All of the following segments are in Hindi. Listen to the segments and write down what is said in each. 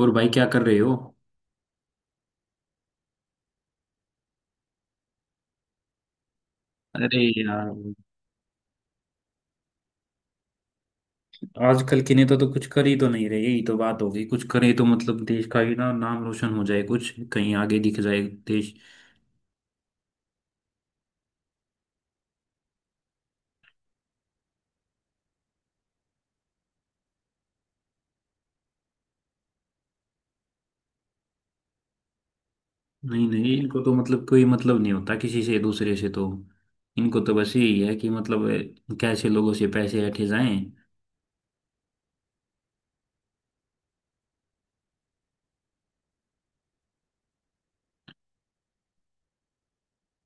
और भाई क्या कर रहे हो। अरे यार। आजकल की नेता तो कुछ कर ही तो नहीं रहे यही तो बात हो गई कुछ करे तो मतलब देश का ही ना नाम रोशन हो जाए कुछ कहीं आगे दिख जाए देश। नहीं नहीं, इनको तो मतलब कोई मतलब नहीं होता किसी से दूसरे से तो इनको तो बस यही है कि मतलब कैसे लोगों से पैसे ऐंठे जाएं।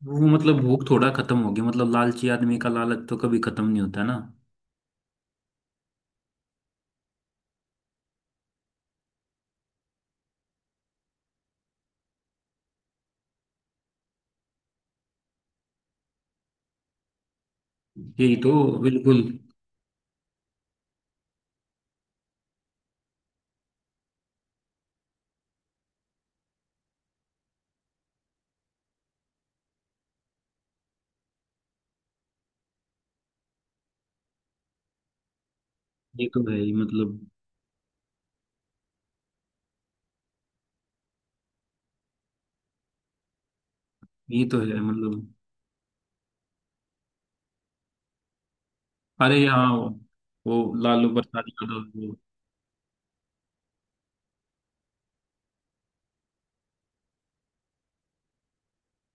वो मतलब भूख थोड़ा खत्म होगी मतलब लालची आदमी का लालच तो कभी खत्म नहीं होता ना। यही तो। बिल्कुल। ये तो है ही मतलब। ये तो है मतलब। अरे हाँ वो लालू प्रसाद यादव वो।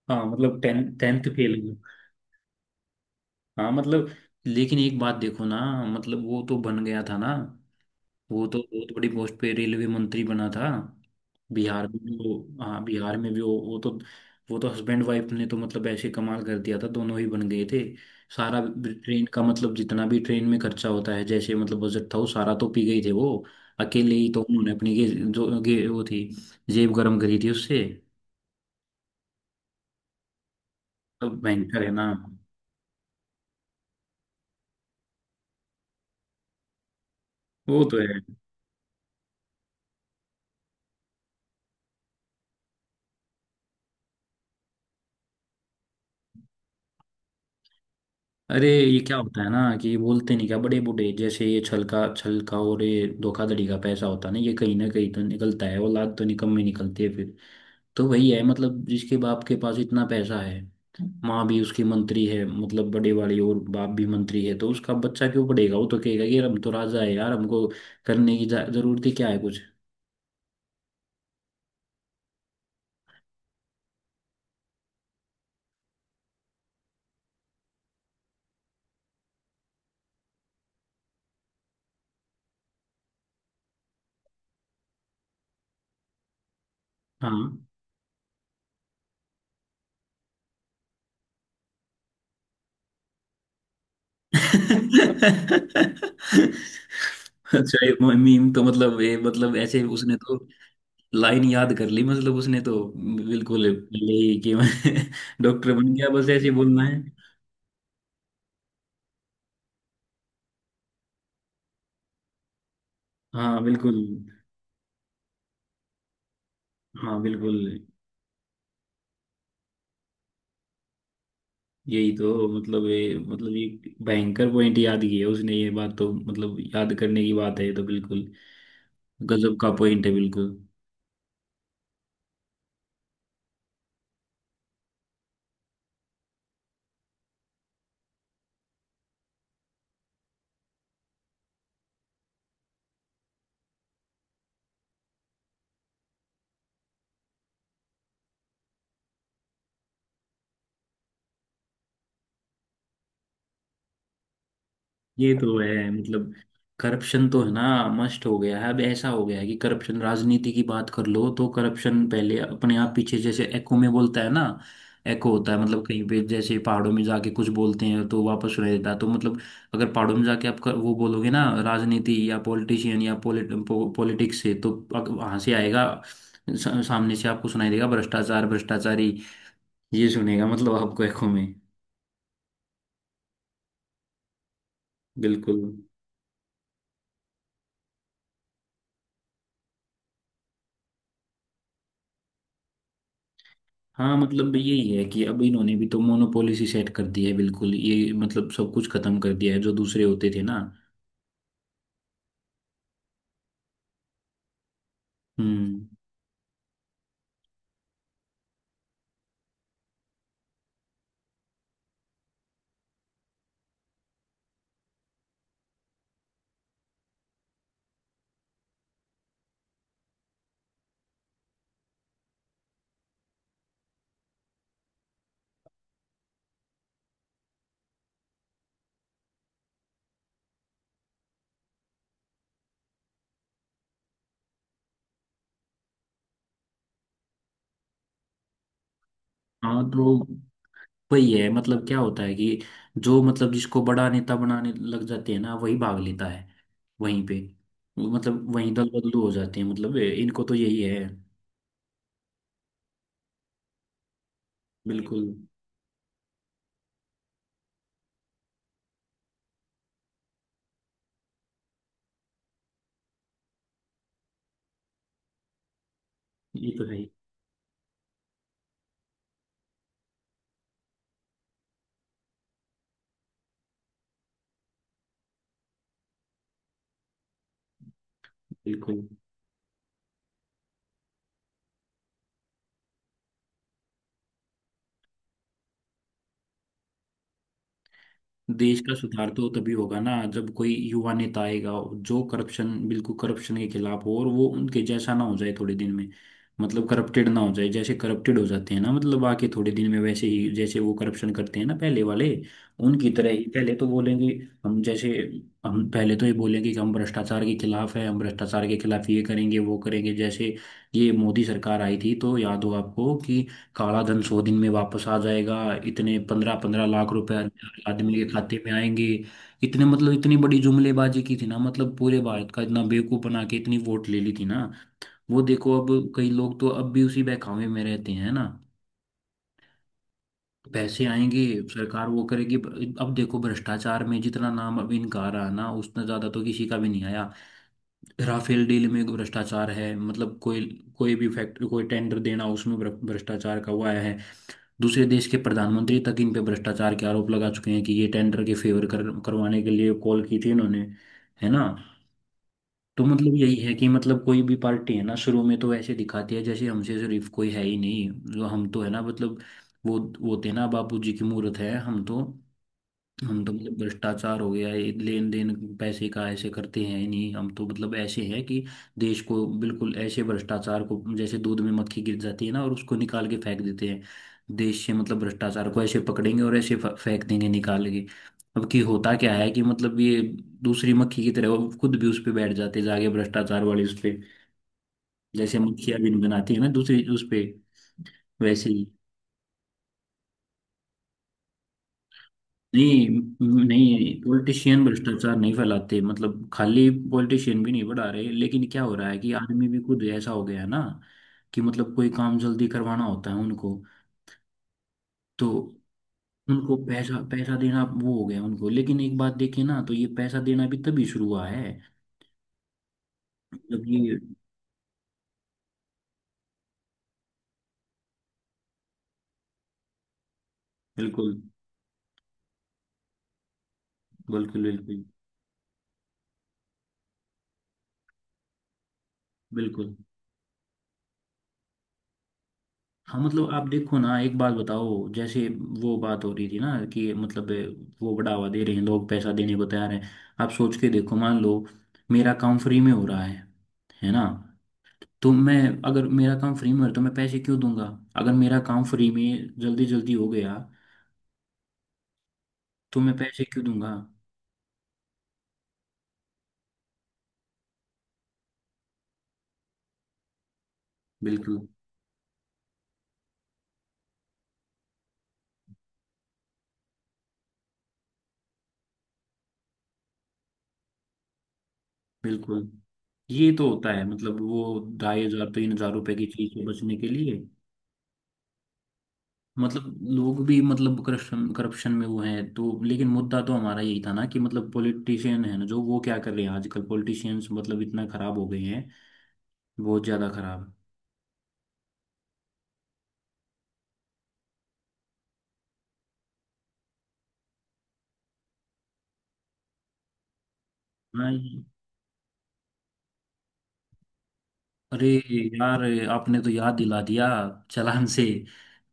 हाँ मतलब टेन 10th फेल हुआ। हाँ मतलब। लेकिन एक बात देखो ना मतलब वो तो बन गया था ना। वो तो बहुत बड़ी पोस्ट पे रेलवे मंत्री बना था। बिहार में भी वो हाँ बिहार में भी वो तो वो तो हस्बैंड वाइफ ने तो मतलब ऐसे कमाल कर दिया था दोनों ही बन गए थे। सारा ट्रेन का मतलब जितना भी ट्रेन में खर्चा होता है जैसे मतलब बजट था वो सारा तो पी गई थे वो अकेले ही तो उन्होंने अपनी जो वो थी जेब गर्म करी थी उससे। तो भयंकर है ना। वो तो है। अरे ये क्या होता है ना कि ये बोलते नहीं क्या बड़े बूढ़े जैसे ये छलका छलका और ये धोखाधड़ी का पैसा होता है ना ये कहीं ना कहीं तो निकलता है औलाद तो निकम्मी निकलती है फिर। तो वही है मतलब जिसके बाप के पास इतना पैसा है माँ भी उसकी मंत्री है मतलब बड़े वाली और बाप भी मंत्री है तो उसका बच्चा क्यों पढ़ेगा वो तो कहेगा कि यार हम तो राजा है यार हमको करने की जरूरत ही क्या है कुछ। हाँ। अच्छा ये मीम तो मतलब ये मतलब ऐसे उसने तो लाइन याद कर ली मतलब उसने तो बिल्कुल पहले ही कि मैं डॉक्टर बन गया बस ऐसे ही बोलना है। हाँ बिल्कुल। हाँ बिल्कुल। यही तो मतलब ये भयंकर पॉइंट याद किया उसने ये बात तो मतलब याद करने की बात है ये तो बिल्कुल गजब का पॉइंट है बिल्कुल। ये तो है मतलब। करप्शन तो है ना मस्ट हो गया है अब ऐसा हो गया है कि करप्शन राजनीति की बात कर लो तो करप्शन पहले अपने आप पीछे जैसे एको में बोलता है ना। एको होता है मतलब कहीं पे जैसे पहाड़ों में जाके कुछ बोलते हैं तो वापस सुनाई देता है तो मतलब अगर पहाड़ों में जाके आप वो बोलोगे ना राजनीति या पॉलिटिशियन या पॉलिटिक्स से तो वहां से आएगा सामने से आपको सुनाई देगा भ्रष्टाचार भ्रष्टाचारी ये सुनेगा मतलब आपको एको में। बिल्कुल। हाँ मतलब यही है कि अब इन्होंने भी तो मोनोपोली सी सेट कर दी है बिल्कुल ये मतलब सब कुछ खत्म कर दिया है जो दूसरे होते थे ना। हम्म। हाँ तो वही है मतलब क्या होता है कि जो मतलब जिसको बड़ा नेता बनाने लग जाते हैं ना वही भाग लेता है वहीं पे मतलब वहीं दल बदलू हो जाते हैं मतलब इनको तो यही है। बिल्कुल। ये तो है ही। बिल्कुल। देश का सुधार तो तभी होगा ना जब कोई युवा नेता आएगा जो करप्शन बिल्कुल करप्शन के खिलाफ हो और वो उनके जैसा ना हो जाए थोड़े दिन में मतलब करप्टेड ना हो जाए जैसे करप्टेड हो जाते हैं ना मतलब आके थोड़े दिन में वैसे ही जैसे वो करप्शन करते हैं ना पहले वाले उनकी तरह ही पहले तो बोलेंगे। हम जैसे हम पहले तो ये बोलेंगे कि हम भ्रष्टाचार के खिलाफ है हम भ्रष्टाचार के खिलाफ ये करेंगे वो करेंगे जैसे ये मोदी सरकार आई थी तो याद हो आपको कि काला धन 100 दिन में वापस आ जाएगा इतने 15-15 लाख रुपए हर आदमी के खाते में आएंगे इतने मतलब इतनी बड़ी जुमलेबाजी की थी ना मतलब पूरे भारत का इतना बेवकूफ बना के इतनी वोट ले ली थी ना। वो देखो अब कई लोग तो अब भी उसी बहकावे में रहते हैं ना। पैसे आएंगे सरकार वो करेगी अब देखो भ्रष्टाचार में जितना नाम अब इनका आ रहा है ना उतना ज्यादा तो किसी का भी नहीं आया। राफेल डील में भ्रष्टाचार है मतलब कोई कोई भी फैक्ट्री कोई टेंडर देना उसमें भ्रष्टाचार का हुआ है। दूसरे देश के प्रधानमंत्री तक इन पे भ्रष्टाचार के आरोप लगा चुके हैं कि ये टेंडर के फेवर कर करवाने के लिए कॉल की थी इन्होंने है ना। तो मतलब यही है कि मतलब कोई भी पार्टी है ना शुरू में तो ऐसे दिखाती है जैसे हमसे शरीफ कोई है ही नहीं जो हम तो है ना मतलब वो थे ना बापू जी की मूर्त है हम तो मतलब भ्रष्टाचार हो गया ये लेन देन पैसे का ऐसे करते हैं नहीं हम तो मतलब ऐसे हैं कि देश को बिल्कुल ऐसे भ्रष्टाचार को जैसे दूध में मक्खी गिर जाती है ना और उसको निकाल के फेंक देते हैं। देश से मतलब भ्रष्टाचार को ऐसे पकड़ेंगे और ऐसे फेंक देंगे निकाल के। अब कि होता क्या है कि मतलब ये दूसरी मक्खी की तरह वो खुद भी उस पे बैठ जाते हैं जाके भ्रष्टाचार वाली उस पे जैसे मक्खियां भी बनाती है ना दूसरी उस पे वैसे ही। नहीं नहीं पॉलिटिशियन भ्रष्टाचार नहीं फैलाते मतलब खाली पॉलिटिशियन भी नहीं बढ़ा रहे लेकिन क्या हो रहा है कि आदमी भी खुद ऐसा हो गया है ना कि मतलब कोई काम जल्दी करवाना होता है उनको तो उनको पैसा पैसा देना वो हो गया उनको लेकिन एक बात देखिए ना तो ये पैसा देना भी तभी शुरू हुआ है जब ये। बिल्कुल। बिल्कुल। बिल्कुल। बिल्कुल। हाँ मतलब आप देखो ना एक बात बताओ जैसे वो बात हो रही थी ना कि मतलब वो बढ़ावा दे रहे हैं लोग पैसा देने को तैयार हैं आप सोच के देखो मान लो मेरा काम फ्री में हो रहा है ना। तो मैं अगर मेरा काम फ्री में हो रहा है तो मैं पैसे क्यों दूंगा। अगर मेरा काम फ्री में जल्दी जल्दी हो गया तो मैं पैसे क्यों दूंगा। बिल्कुल। बिल्कुल। ये तो होता है मतलब वो 2,500-3,000 रुपए की चीज से बचने के लिए मतलब लोग भी मतलब करप्शन करप्शन में वो हैं तो लेकिन मुद्दा तो हमारा यही था ना कि मतलब पॉलिटिशियन है ना जो वो क्या कर रहे हैं आजकल पॉलिटिशियंस मतलब इतना खराब हो गए हैं बहुत ज्यादा खराब। हाँ अरे यार आपने तो याद दिला दिया चालान से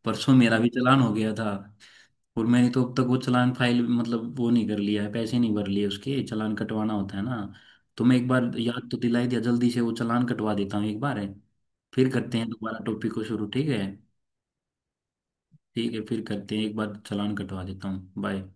परसों मेरा भी चालान हो गया था। और मैंने तो अब तक वो चालान फाइल मतलब वो नहीं कर लिया है पैसे नहीं भर लिए उसके चालान कटवाना होता है ना। तो मैं एक बार याद तो दिला ही दिया जल्दी से वो चालान कटवा देता हूँ एक बार है। फिर करते हैं दोबारा टॉपिक को शुरू ठीक है। ठीक है फिर करते हैं एक बार चालान कटवा देता हूँ बाय।